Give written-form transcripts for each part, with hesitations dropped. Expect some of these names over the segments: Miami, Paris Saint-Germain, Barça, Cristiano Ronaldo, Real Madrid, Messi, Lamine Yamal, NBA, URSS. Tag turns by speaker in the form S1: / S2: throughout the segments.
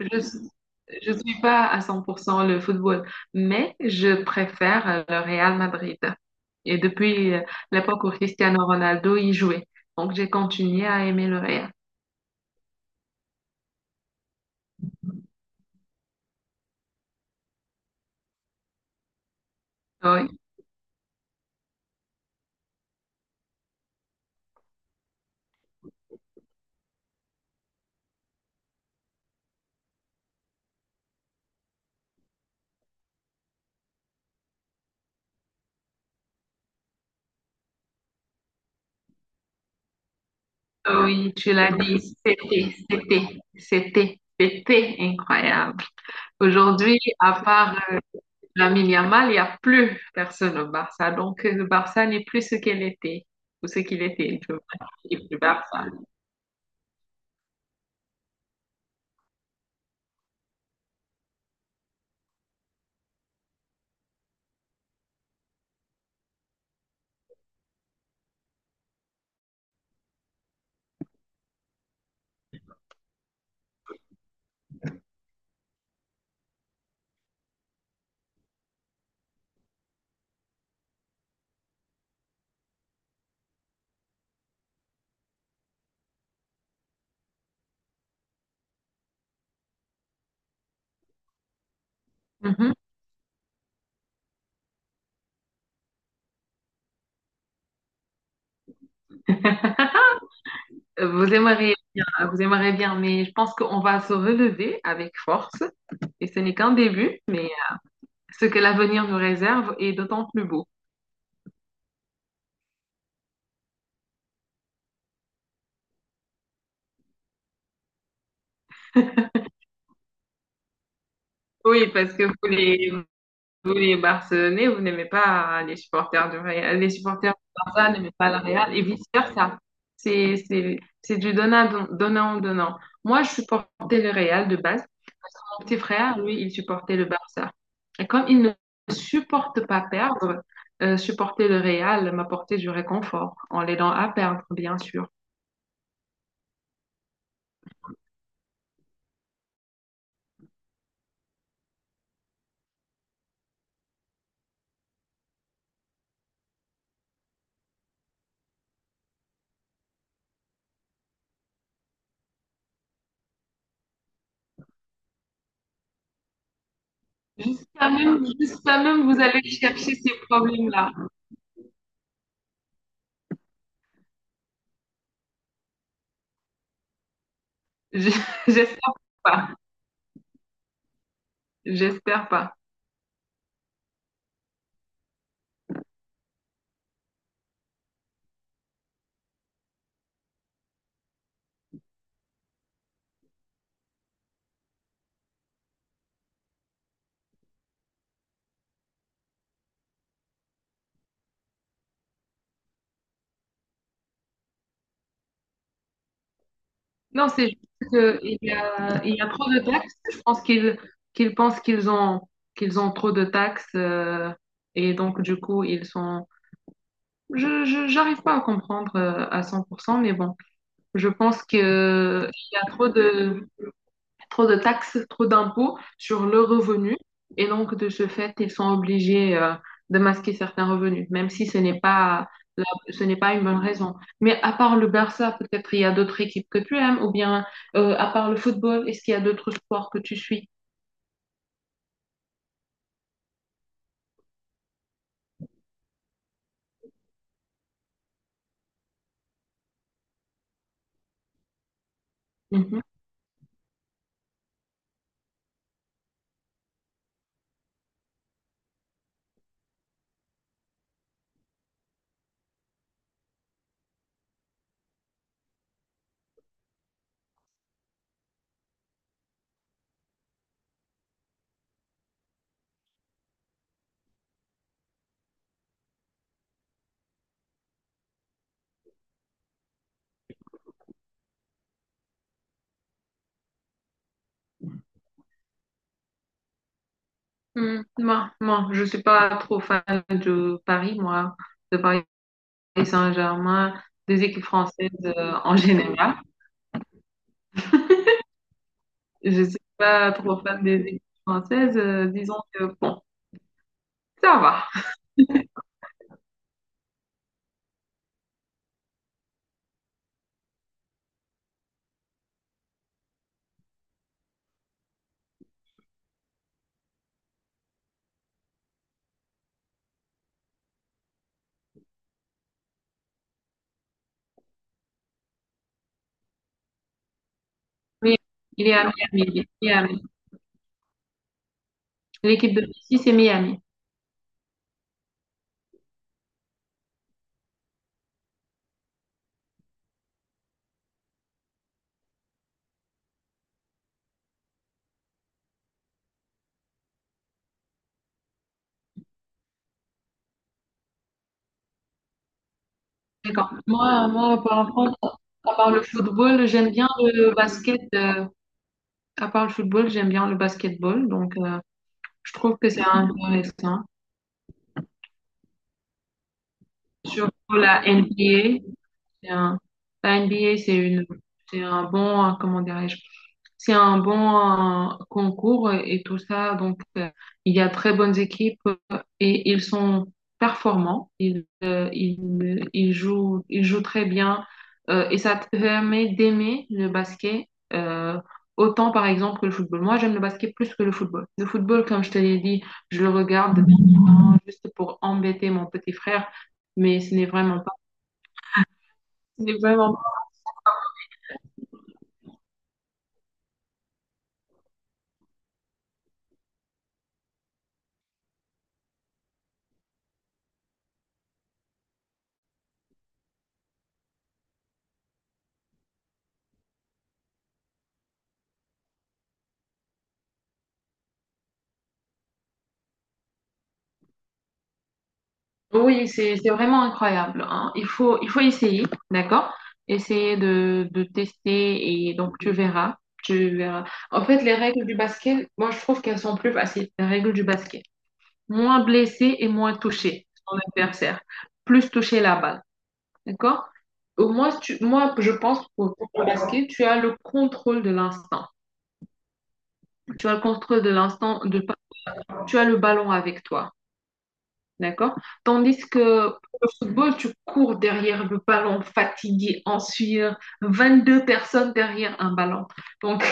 S1: Je je suis pas à 100% le football, mais je préfère le Real Madrid. Et depuis l'époque où Cristiano Ronaldo y jouait, donc j'ai continué à aimer le Real. Oui, oui, tu l'as dit, c'était incroyable. Aujourd'hui, à part Lamine Yamal, il n'y a plus personne au Barça. Donc, le Barça n'est plus ce qu'elle était, ou ce qu'il était. Je veux dire, il est plus Barça. Mhm. Vous aimeriez bien, vous aimeriez bien, mais je pense qu'on va se relever avec force et ce n'est qu'un début, mais ce que l'avenir nous réserve est d'autant plus beau. Oui, parce que vous les Barcelonais, vous n'aimez pas les supporters du Real, les supporters du Barça n'aiment pas le Real et vice-versa. C'est du donnant, donnant, donnant. Moi, je supportais le Real de base. Mon petit frère, lui, il supportait le Barça. Et comme il ne supporte pas perdre, supporter le Real m'apportait du réconfort en l'aidant à perdre, bien sûr. Jusqu'à même, vous allez chercher ces problèmes-là. Je- J'espère pas. J'espère pas. Non, c'est juste il y a trop de taxes. Je pense qu'ils pensent qu'ils ont trop de taxes et donc, du coup, ils sont. J'arrive pas à comprendre à 100%, mais bon. Je pense qu'il y a trop de taxes, trop d'impôts sur le revenu. Et donc, de ce fait, ils sont obligés de masquer certains revenus, même si la- ce n'est pas une bonne raison. Mais à part le Barça, peut-être il y a d'autres équipes que tu aimes, ou bien à part le football, est-ce qu'il y a d'autres sports que tu suis? Mhm. Hmm, je suis pas trop fan de Paris, de Paris Saint-Germain, des équipes françaises en général. Je suis pas trop fan des équipes françaises, disons que bon, ça va. Oui, il est à Miami. Miami. L'équipe de Messi, c'est Miami. D'accord. Par contre, à part le football, j'aime bien le basket. À part le football, j'aime bien le basketball. Donc, je trouve que c'est intéressant. Surtout la NBA. C'est un, la NBA, c'est un bon, comment dirais-je, c'est un bon concours et tout ça. Donc, il y a très bonnes équipes et ils sont performants. Ils jouent très bien et ça te permet d'aimer le basket euh, autant, par exemple, que le football. Moi, j'aime le basket plus que le football. Le football, comme je te l'ai dit, je le regarde vraiment juste pour embêter mon petit frère, mais ce n'est vraiment pas. Ce n'est vraiment. Oui, c'est vraiment incroyable, hein. Il faut essayer, d'accord? De tester et donc tu verras. Tu verras. En fait, les règles du basket, moi, je trouve qu'elles sont plus faciles, les règles du basket. Moins blessé et moins touché son adversaire. Plus toucher la balle, d'accord? Au moins, je pense que pour le basket, tu as le contrôle de l'instant. Tu as le contrôle de l'instant, de, tu as le ballon avec toi. D'accord? Tandis que pour le football, tu cours derrière le ballon, fatigué, en sueur, deux personnes derrière un ballon. Donc,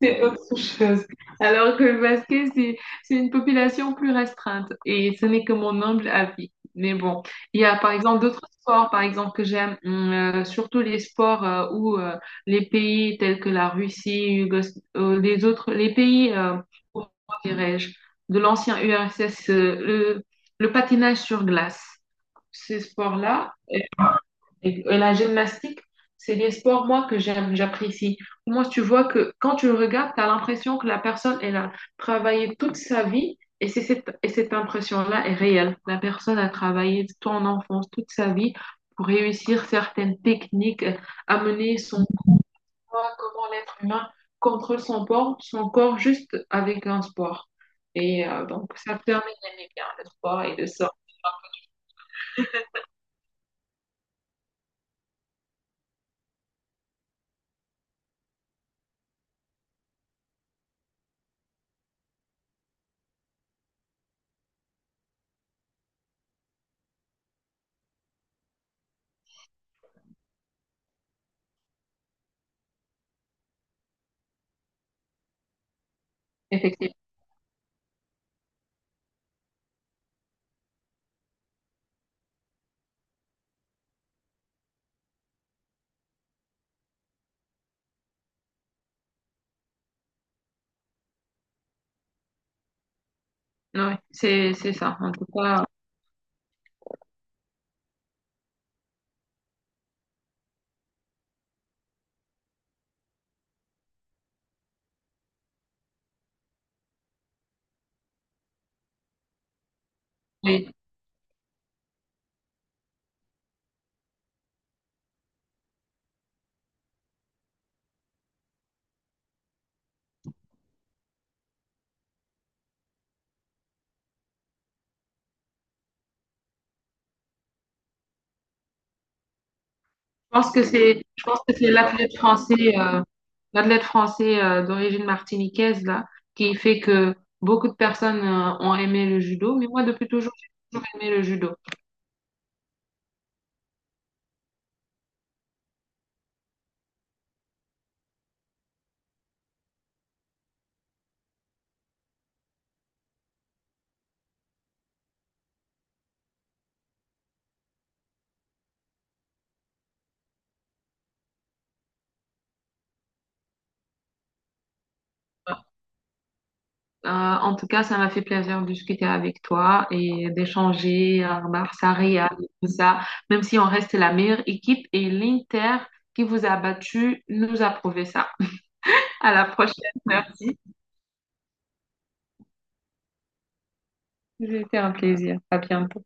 S1: c'est autre chose. Alors que le basket, c'est une population plus restreinte. Et ce n'est que mon humble avis. Mais bon, il y a par exemple d'autres sports, par exemple, que j'aime, surtout les sports où les pays tels que la Russie, les pays, comment dirais-je, de l'ancien URSS, le patinage sur glace. Ces sports-là, et la gymnastique, c'est les sports, moi, que j'aime, j'apprécie. Moi, tu vois que quand tu le regardes, tu as l'impression que la personne, elle a travaillé toute sa vie et et cette impression-là est réelle. La personne a travaillé ton enfance, toute sa vie pour réussir certaines techniques, amener son poids, comment l'être humain contrôle son corps juste avec un sport. Et donc, ça permet d'aimer bien le sport et de ça. Effectivement. Ouais, c'est ça. En tout cas, oui. Je pense que c'est l'athlète français, d'origine martiniquaise là, qui fait que beaucoup de personnes ont aimé le judo. Mais moi, depuis toujours, j'ai toujours aimé le judo. En tout cas, ça m'a fait plaisir de discuter avec toi et d'échanger à Barça-Real et tout ça. Même si on reste la meilleure équipe et l'Inter qui vous a battu nous a prouvé ça. À la prochaine. Merci. C'était un plaisir. À bientôt.